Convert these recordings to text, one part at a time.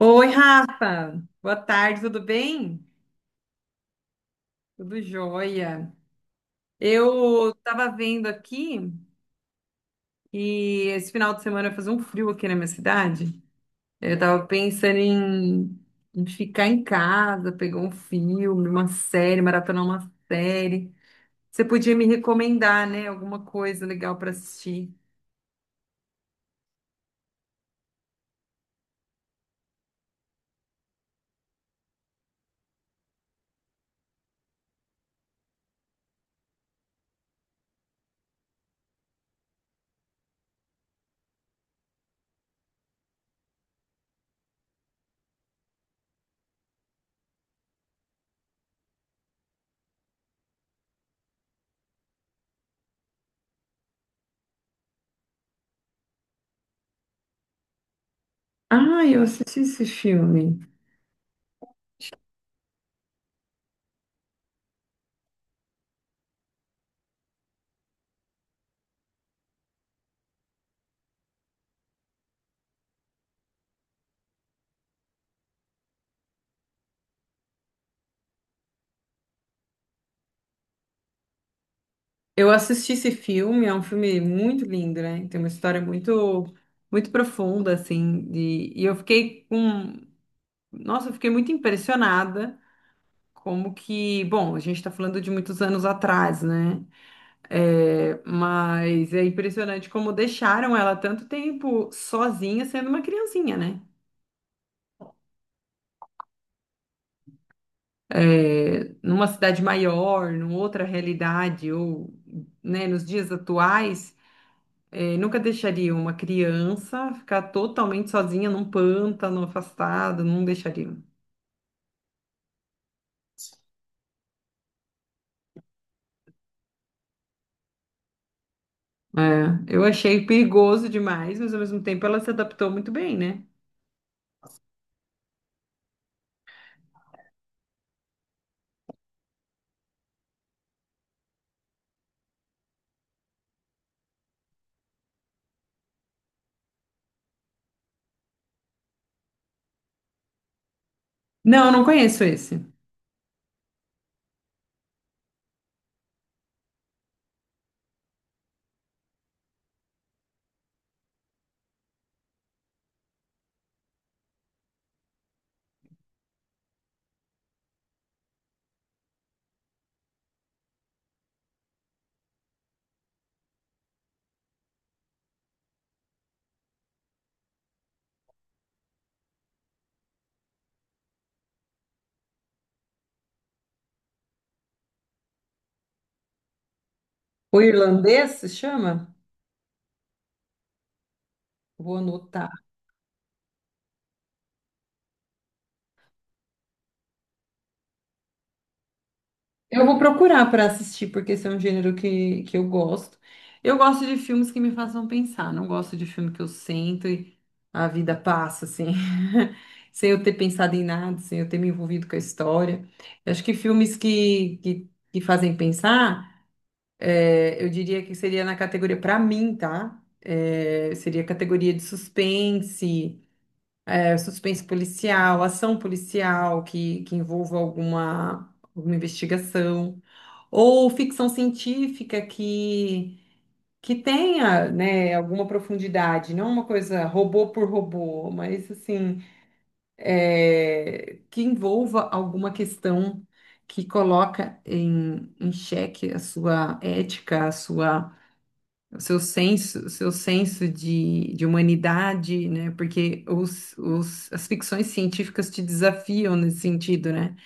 Oi, Rafa. Boa tarde, tudo bem? Tudo jóia. Eu tava vendo aqui e esse final de semana vai fazer um frio aqui na minha cidade. Eu tava pensando em, ficar em casa, pegar um filme, uma série, maratonar uma série. Você podia me recomendar, né? Alguma coisa legal para assistir. Ah, eu assisti esse filme. Eu assisti esse filme, é um filme muito lindo, né? Tem uma história muito, muito profunda, assim, de- e eu fiquei com, nossa, eu fiquei muito impressionada como que, bom, a gente está falando de muitos anos atrás, né? É, mas é impressionante como deixaram ela tanto tempo sozinha, sendo uma criancinha, né? É, numa cidade maior, numa outra realidade, ou, né, nos dias atuais. É, nunca deixaria uma criança ficar totalmente sozinha num pântano, afastada, não deixaria. É, eu achei perigoso demais, mas ao mesmo tempo ela se adaptou muito bem, né? Não, eu não conheço esse. O irlandês se chama? Vou anotar. Eu vou procurar para assistir, porque esse é um gênero que eu gosto. Eu gosto de filmes que me façam pensar, não gosto de filme que eu sento e a vida passa, assim, sem eu ter pensado em nada, sem eu ter me envolvido com a história. Eu acho que filmes que fazem pensar, é, eu diria que seria na categoria, para mim, tá? É, seria categoria de suspense, é, suspense policial, ação policial que envolva alguma, alguma investigação, ou ficção científica que tenha, né, alguma profundidade, não uma coisa robô por robô, mas assim, é, que envolva alguma questão que coloca em, xeque a sua ética, a sua o seu senso de humanidade, né? Porque as ficções científicas te desafiam nesse sentido, né?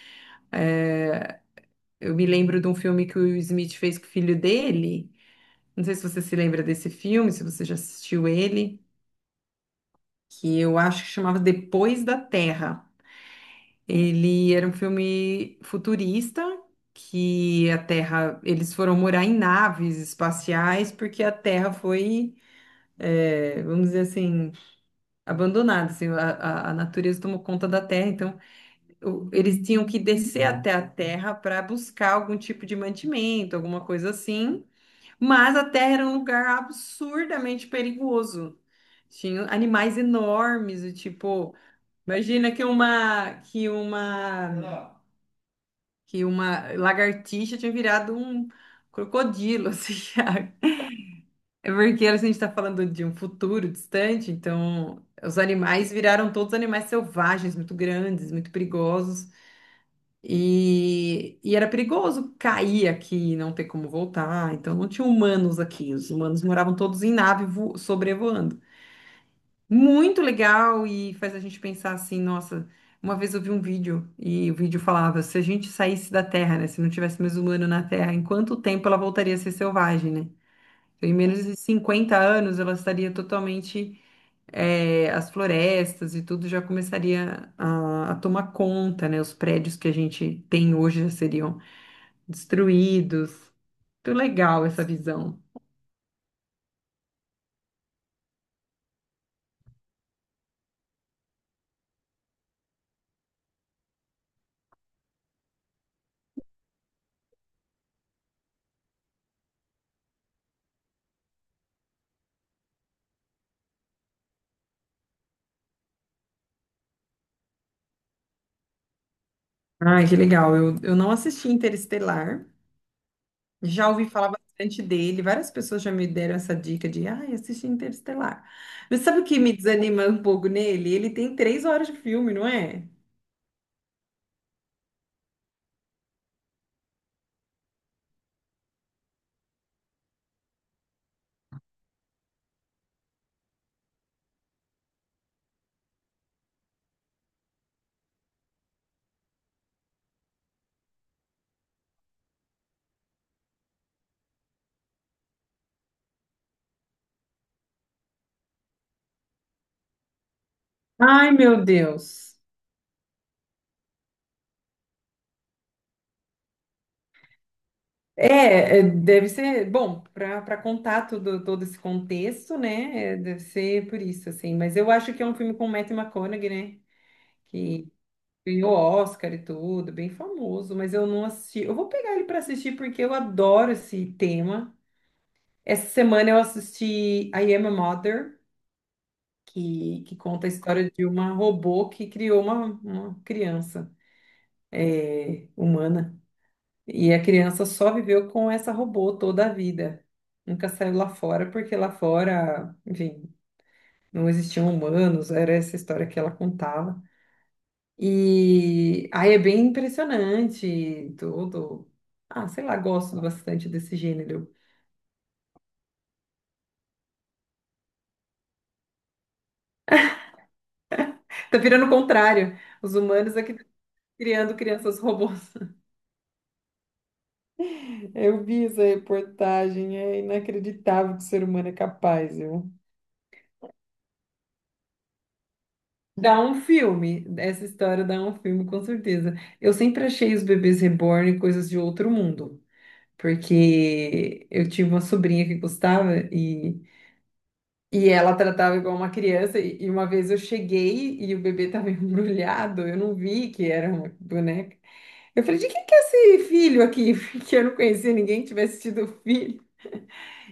É, eu me lembro de um filme que o Will Smith fez com o filho dele. Não sei se você se lembra desse filme, se você já assistiu ele, que eu acho que chamava Depois da Terra. Ele era um filme futurista. Que a Terra, eles foram morar em naves espaciais porque a Terra foi é, vamos dizer assim, abandonado, assim, a natureza tomou conta da terra, então o- eles tinham que descer até a terra para buscar algum tipo de mantimento, alguma coisa assim, mas a terra era um lugar absurdamente perigoso. Tinha animais enormes, e tipo, imagina que uma lagartixa tinha virado um crocodilo, assim. É porque a gente está falando de um futuro distante, então os animais viraram todos animais selvagens, muito grandes, muito perigosos. E era perigoso cair aqui e não ter como voltar. Então não tinha humanos aqui. Os humanos moravam todos em nave vo- sobrevoando. Muito legal e faz a gente pensar assim, nossa, uma vez eu vi um vídeo e o vídeo falava, se a gente saísse da Terra, né, se não tivesse mais humano na Terra, em quanto tempo ela voltaria a ser selvagem, né? Então, em menos de 50 anos, ela estaria totalmente, as florestas e tudo já começaria a tomar conta, né? Os prédios que a gente tem hoje já seriam destruídos. Muito legal essa visão. Ai, que legal. Eu não assisti Interestelar, já ouvi falar bastante dele. Várias pessoas já me deram essa dica de, ai, assisti Interestelar. Mas sabe o que me desanima um pouco nele? Ele tem 3 horas de filme, não é? Ai, meu Deus. É, deve ser, bom, para contar todo esse contexto, né? É, deve ser por isso, assim. Mas eu acho que é um filme com Matthew McConaughey, né? Que ganhou Oscar e tudo, bem famoso, mas eu não assisti. Eu vou pegar ele para assistir porque eu adoro esse tema. Essa semana eu assisti I Am a Mother, que conta a história de uma robô que criou uma criança é, humana. E a criança só viveu com essa robô toda a vida. Nunca saiu lá fora, porque lá fora, enfim, não existiam humanos, era essa história que ela contava. E aí é bem impressionante tudo. Ah, sei lá, gosto bastante desse gênero. Tá virando o contrário. Os humanos aqui tá criando crianças robôs. Eu vi essa reportagem, é inacreditável que o ser humano é capaz, viu? Dá um filme, essa história dá um filme, com certeza. Eu sempre achei os bebês reborn coisas de outro mundo, porque eu tive uma sobrinha que gostava e ela tratava igual uma criança. E uma vez eu cheguei e o bebê estava embrulhado, eu não vi que era uma boneca. Eu falei, de quem que é esse filho aqui? Porque eu não conhecia ninguém que tivesse tido filho.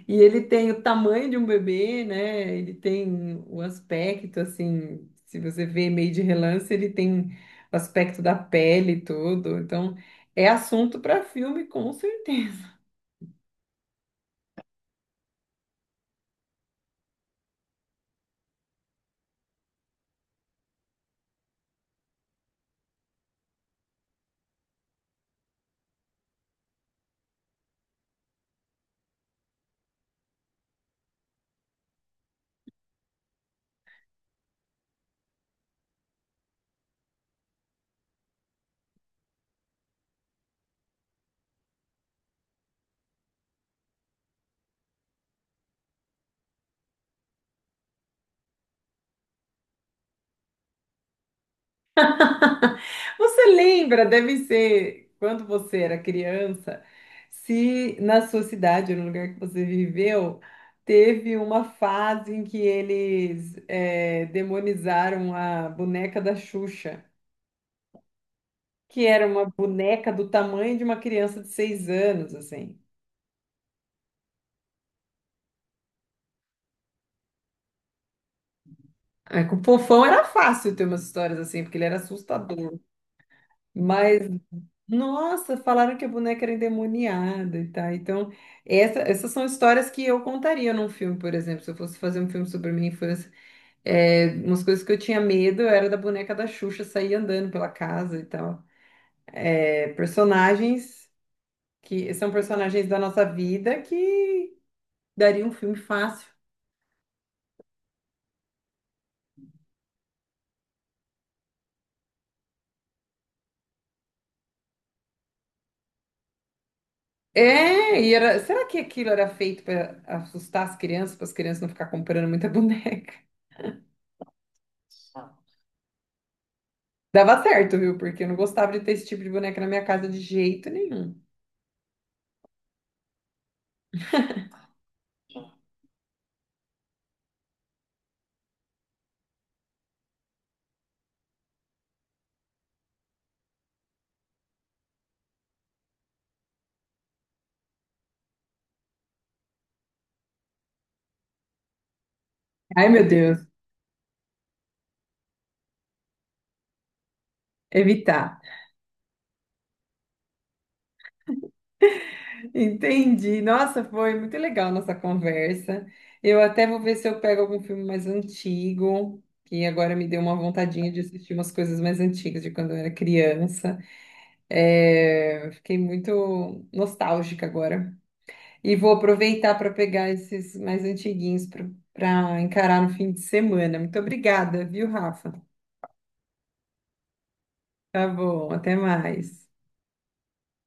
E ele tem o tamanho de um bebê, né? Ele tem o aspecto, assim, se você vê meio de relance, ele tem o aspecto da pele e tudo. Então, é assunto para filme, com certeza. Você lembra, deve ser, quando você era criança, se na sua cidade, no lugar que você viveu, teve uma fase em que eles demonizaram a boneca da Xuxa. Que era uma boneca do tamanho de uma criança de 6 anos, assim. Aí, com o Fofão era fácil ter umas histórias assim, porque ele era assustador. Mas, nossa, falaram que a boneca era endemoniada e tal. Então, essa- essas são histórias que eu contaria num filme, por exemplo. Se eu fosse fazer um filme sobre a minha infância, é, umas coisas que eu tinha medo era da boneca da Xuxa sair andando pela casa e tal. É, personagens que são personagens da nossa vida que daria um filme fácil. É, e era, será que aquilo era feito para assustar as crianças, para as crianças não ficar comprando muita boneca? Dava certo, viu? Porque eu não gostava de ter esse tipo de boneca na minha casa de jeito nenhum. Ai, meu Deus, evitar. Entendi. Nossa, foi muito legal nossa conversa. Eu até vou ver se eu pego algum filme mais antigo, que agora me deu uma vontadinha de assistir umas coisas mais antigas de quando eu era criança. É, fiquei muito nostálgica agora. E vou aproveitar para pegar esses mais antiguinhos para encarar no fim de semana. Muito obrigada, viu, Rafa? Tá bom, até mais.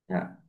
Tchau.